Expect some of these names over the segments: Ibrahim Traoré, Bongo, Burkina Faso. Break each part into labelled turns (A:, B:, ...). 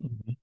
A: Mhm.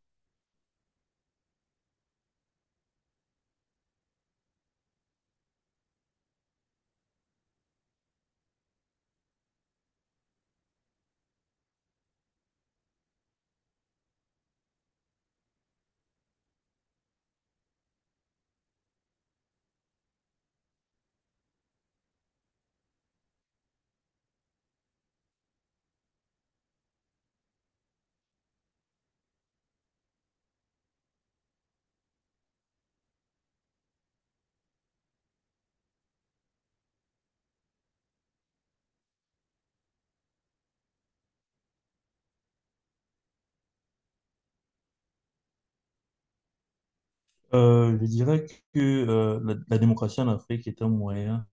A: Je dirais que la, la démocratie en Afrique est un moyen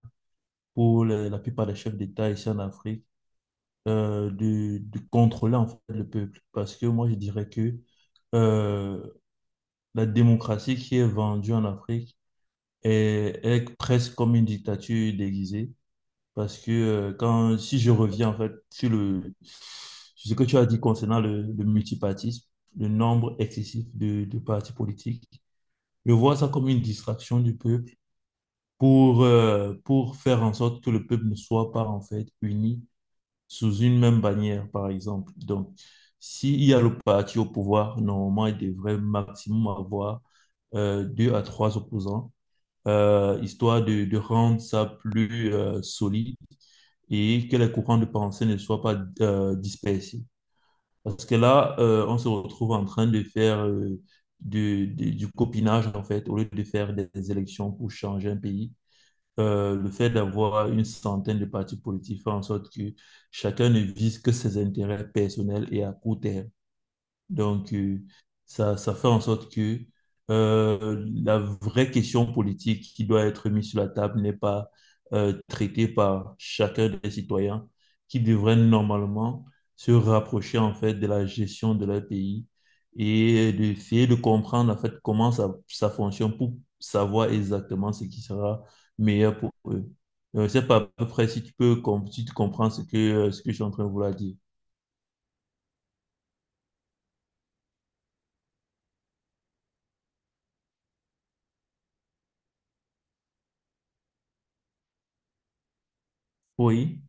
A: pour la plupart des chefs d'État ici en Afrique, de contrôler en fait le peuple. Parce que moi, je dirais que euh, la démocratie qui est vendue en Afrique est presque comme une dictature déguisée. Parce que si je reviens en fait sur sur ce que tu as dit concernant le multipartisme, le nombre excessif de partis politiques, je vois ça comme une distraction du peuple pour faire en sorte que le peuple ne soit pas en fait uni sous une même bannière, par exemple. Donc, s'il y a le parti au pouvoir, normalement, il devrait maximum avoir deux à trois opposants, histoire de rendre ça plus solide, et que les courants de pensée ne soient pas dispersés. Parce que là, on se retrouve en train de faire du copinage, en fait, au lieu de faire des élections pour changer un pays. Le fait d'avoir une centaine de partis politiques fait en sorte que chacun ne vise que ses intérêts personnels et à court terme. Donc, ça fait en sorte que la vraie question politique qui doit être mise sur la table n'est pas traitée par chacun des citoyens qui devraient normalement se rapprocher en fait de la gestion de leur pays et d'essayer de comprendre en fait comment ça fonctionne pour savoir exactement ce qui sera meilleur pour eux. Je sais pas à peu près si tu peux si tu comprends ce que je suis en train de vouloir dire. Oui,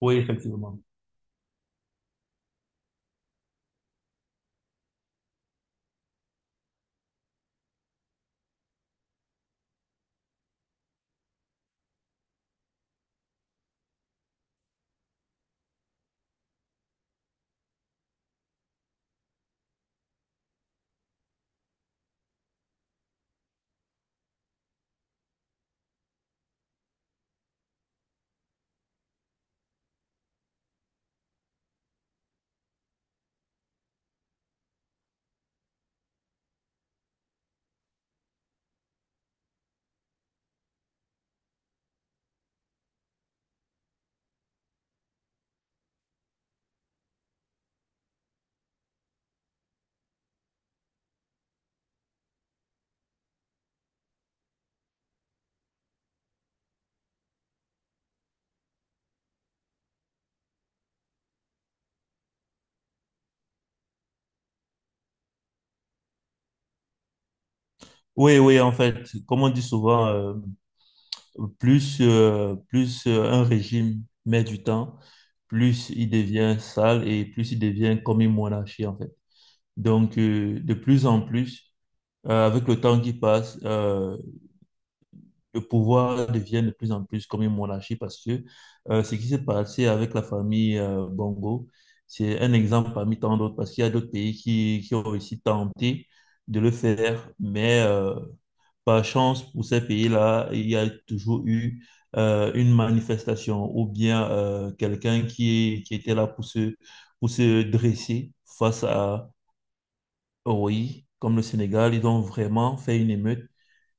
A: oui, effectivement. Oui, oui, en fait, comme on dit souvent, plus un régime met du temps, plus il devient sale et plus il devient comme une monarchie, en fait. Donc, de plus en plus, avec le temps qui passe, le pouvoir devient de plus en plus comme une monarchie parce que ce qui s'est passé avec la famille Bongo, c'est un exemple parmi tant d'autres parce qu'il y a d'autres pays qui ont aussi tenté de le faire, mais... par chance, pour ces pays-là, il y a toujours eu une manifestation ou bien quelqu'un qui était là pour se dresser face à, oui, comme le Sénégal, ils ont vraiment fait une émeute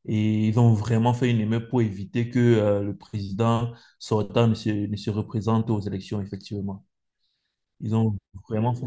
A: et ils ont vraiment fait une émeute pour éviter que le président sortant ne se, ne se représente aux élections, effectivement. Ils ont vraiment fait.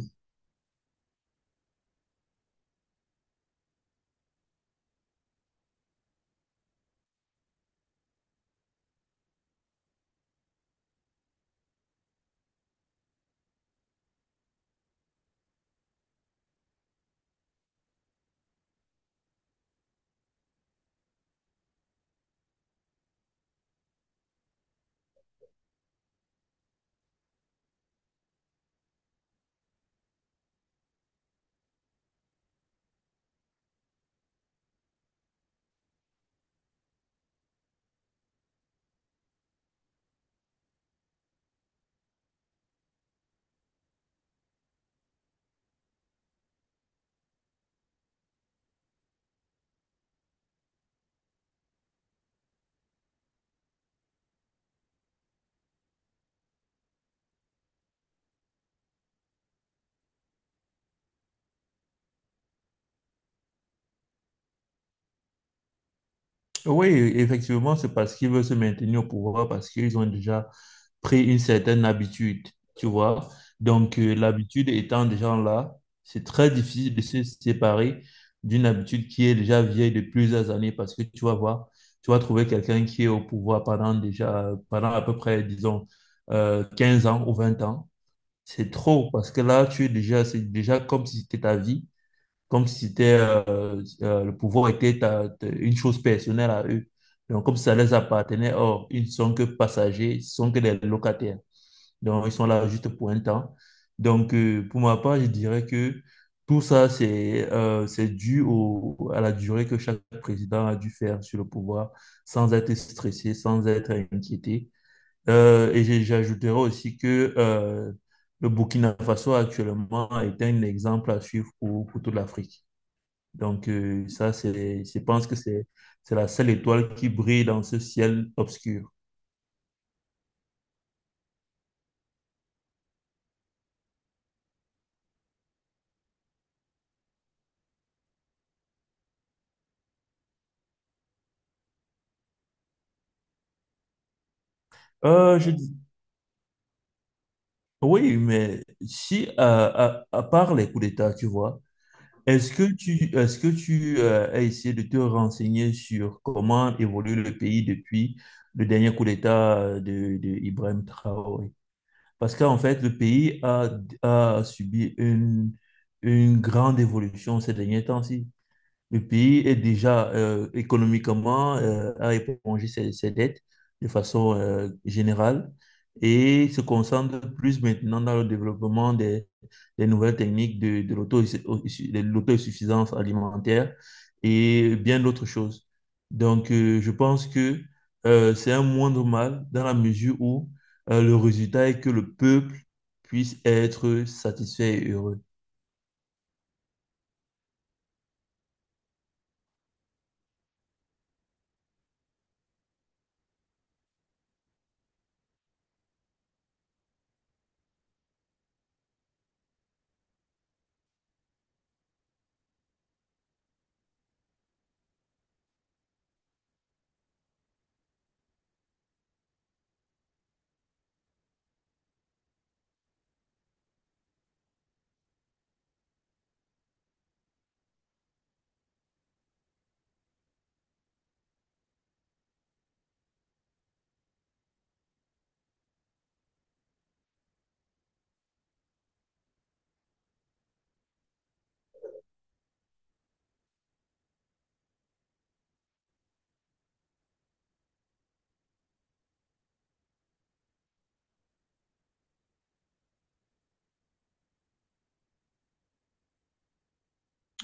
A: Oui, effectivement, c'est parce qu'ils veulent se maintenir au pouvoir, parce qu'ils ont déjà pris une certaine habitude, tu vois. Donc, l'habitude étant déjà là, c'est très difficile de se séparer d'une habitude qui est déjà vieille de plusieurs années, parce que tu vas voir, tu vas trouver quelqu'un qui est au pouvoir pendant déjà, pendant à peu près, disons, 15 ans ou 20 ans. C'est trop, parce que là, tu es déjà, c'est déjà comme si c'était ta vie, comme si c'était le pouvoir était une chose personnelle à eux. Donc, comme si ça les appartenait, or, ils ne sont que passagers, ils ne sont que des locataires. Donc, ils sont là juste pour un temps. Donc, pour ma part, je dirais que tout ça, c'est dû au, à la durée que chaque président a dû faire sur le pouvoir sans être stressé, sans être inquiété. J'ajouterais aussi que le Burkina Faso actuellement est un exemple à suivre pour toute l'Afrique. Donc, ça, c'est, je pense que c'est la seule étoile qui brille dans ce ciel obscur. Euh, je dis- oui, mais si, à part les coups d'État, tu vois, est-ce que tu as essayé de te renseigner sur comment évolue le pays depuis le dernier coup d'État de Ibrahim Traoré? Parce qu'en fait, a subi une grande évolution ces derniers temps-ci. Le pays est déjà économiquement à éponger ses dettes de façon générale et se concentre plus maintenant dans le développement des nouvelles techniques de l'auto, de l'autosuffisance alimentaire et bien d'autres choses. Donc, je pense que c'est un moindre mal dans la mesure où le résultat est que le peuple puisse être satisfait et heureux.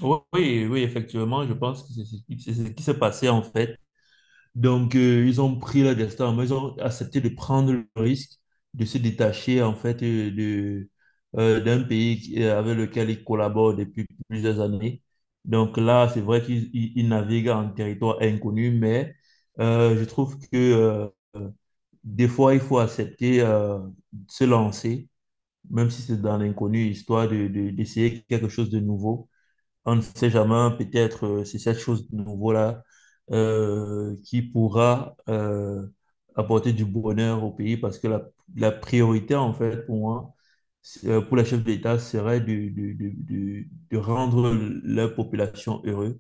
A: Oui, oui, oui, effectivement, je pense que c'est ce qui s'est passé en fait. Donc, ils ont pris leur destin en main, ils ont accepté de prendre le risque de se détacher en fait d'un pays avec lequel ils collaborent depuis plusieurs années. Donc là, c'est vrai ils naviguent en territoire inconnu, mais je trouve que des fois, il faut accepter de se lancer, même si c'est dans l'inconnu, histoire d'essayer quelque chose de nouveau. On ne sait jamais, peut-être c'est cette chose de nouveau-là qui pourra apporter du bonheur au pays parce que la priorité, en fait, pour moi, pour les chefs d'État, serait de rendre la population heureuse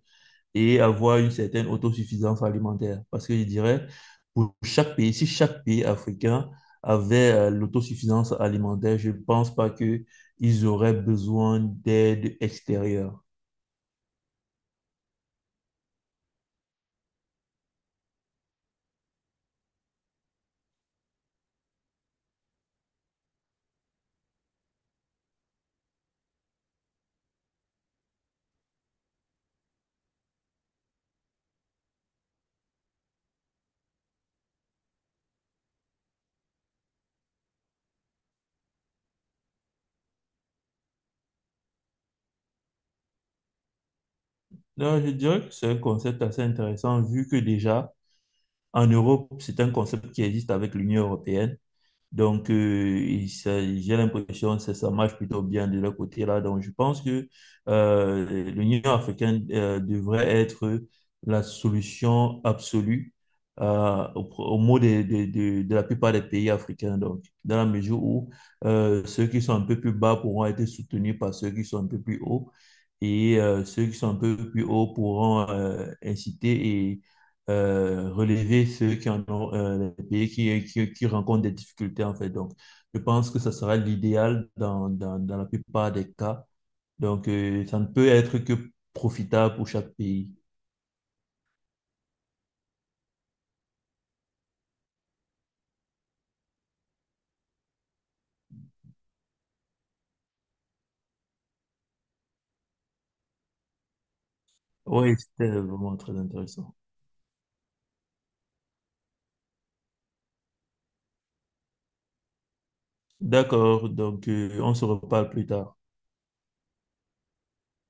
A: et avoir une certaine autosuffisance alimentaire. Parce que je dirais, pour chaque pays, si chaque pays africain avait l'autosuffisance alimentaire, je ne pense pas que ils auraient besoin d'aide extérieure. Donc, je dirais que c'est un concept assez intéressant vu que déjà en Europe, c'est un concept qui existe avec l'Union européenne. Donc, j'ai l'impression que ça marche plutôt bien de leur côté là. Donc, je pense que euh, l'Union africaine devrait être la solution absolue au mot de la plupart des pays africains. Donc, dans la mesure où ceux qui sont un peu plus bas pourront être soutenus par ceux qui sont un peu plus hauts et ceux qui sont un peu plus hauts pourront inciter et relever ceux qui en ont, les pays qui rencontrent des difficultés, en fait. Donc, je pense que ça sera l'idéal dans, dans, dans la plupart des cas. Donc, ça ne peut être que profitable pour chaque pays. Oui, c'était vraiment très intéressant. D'accord, donc on se reparle plus tard.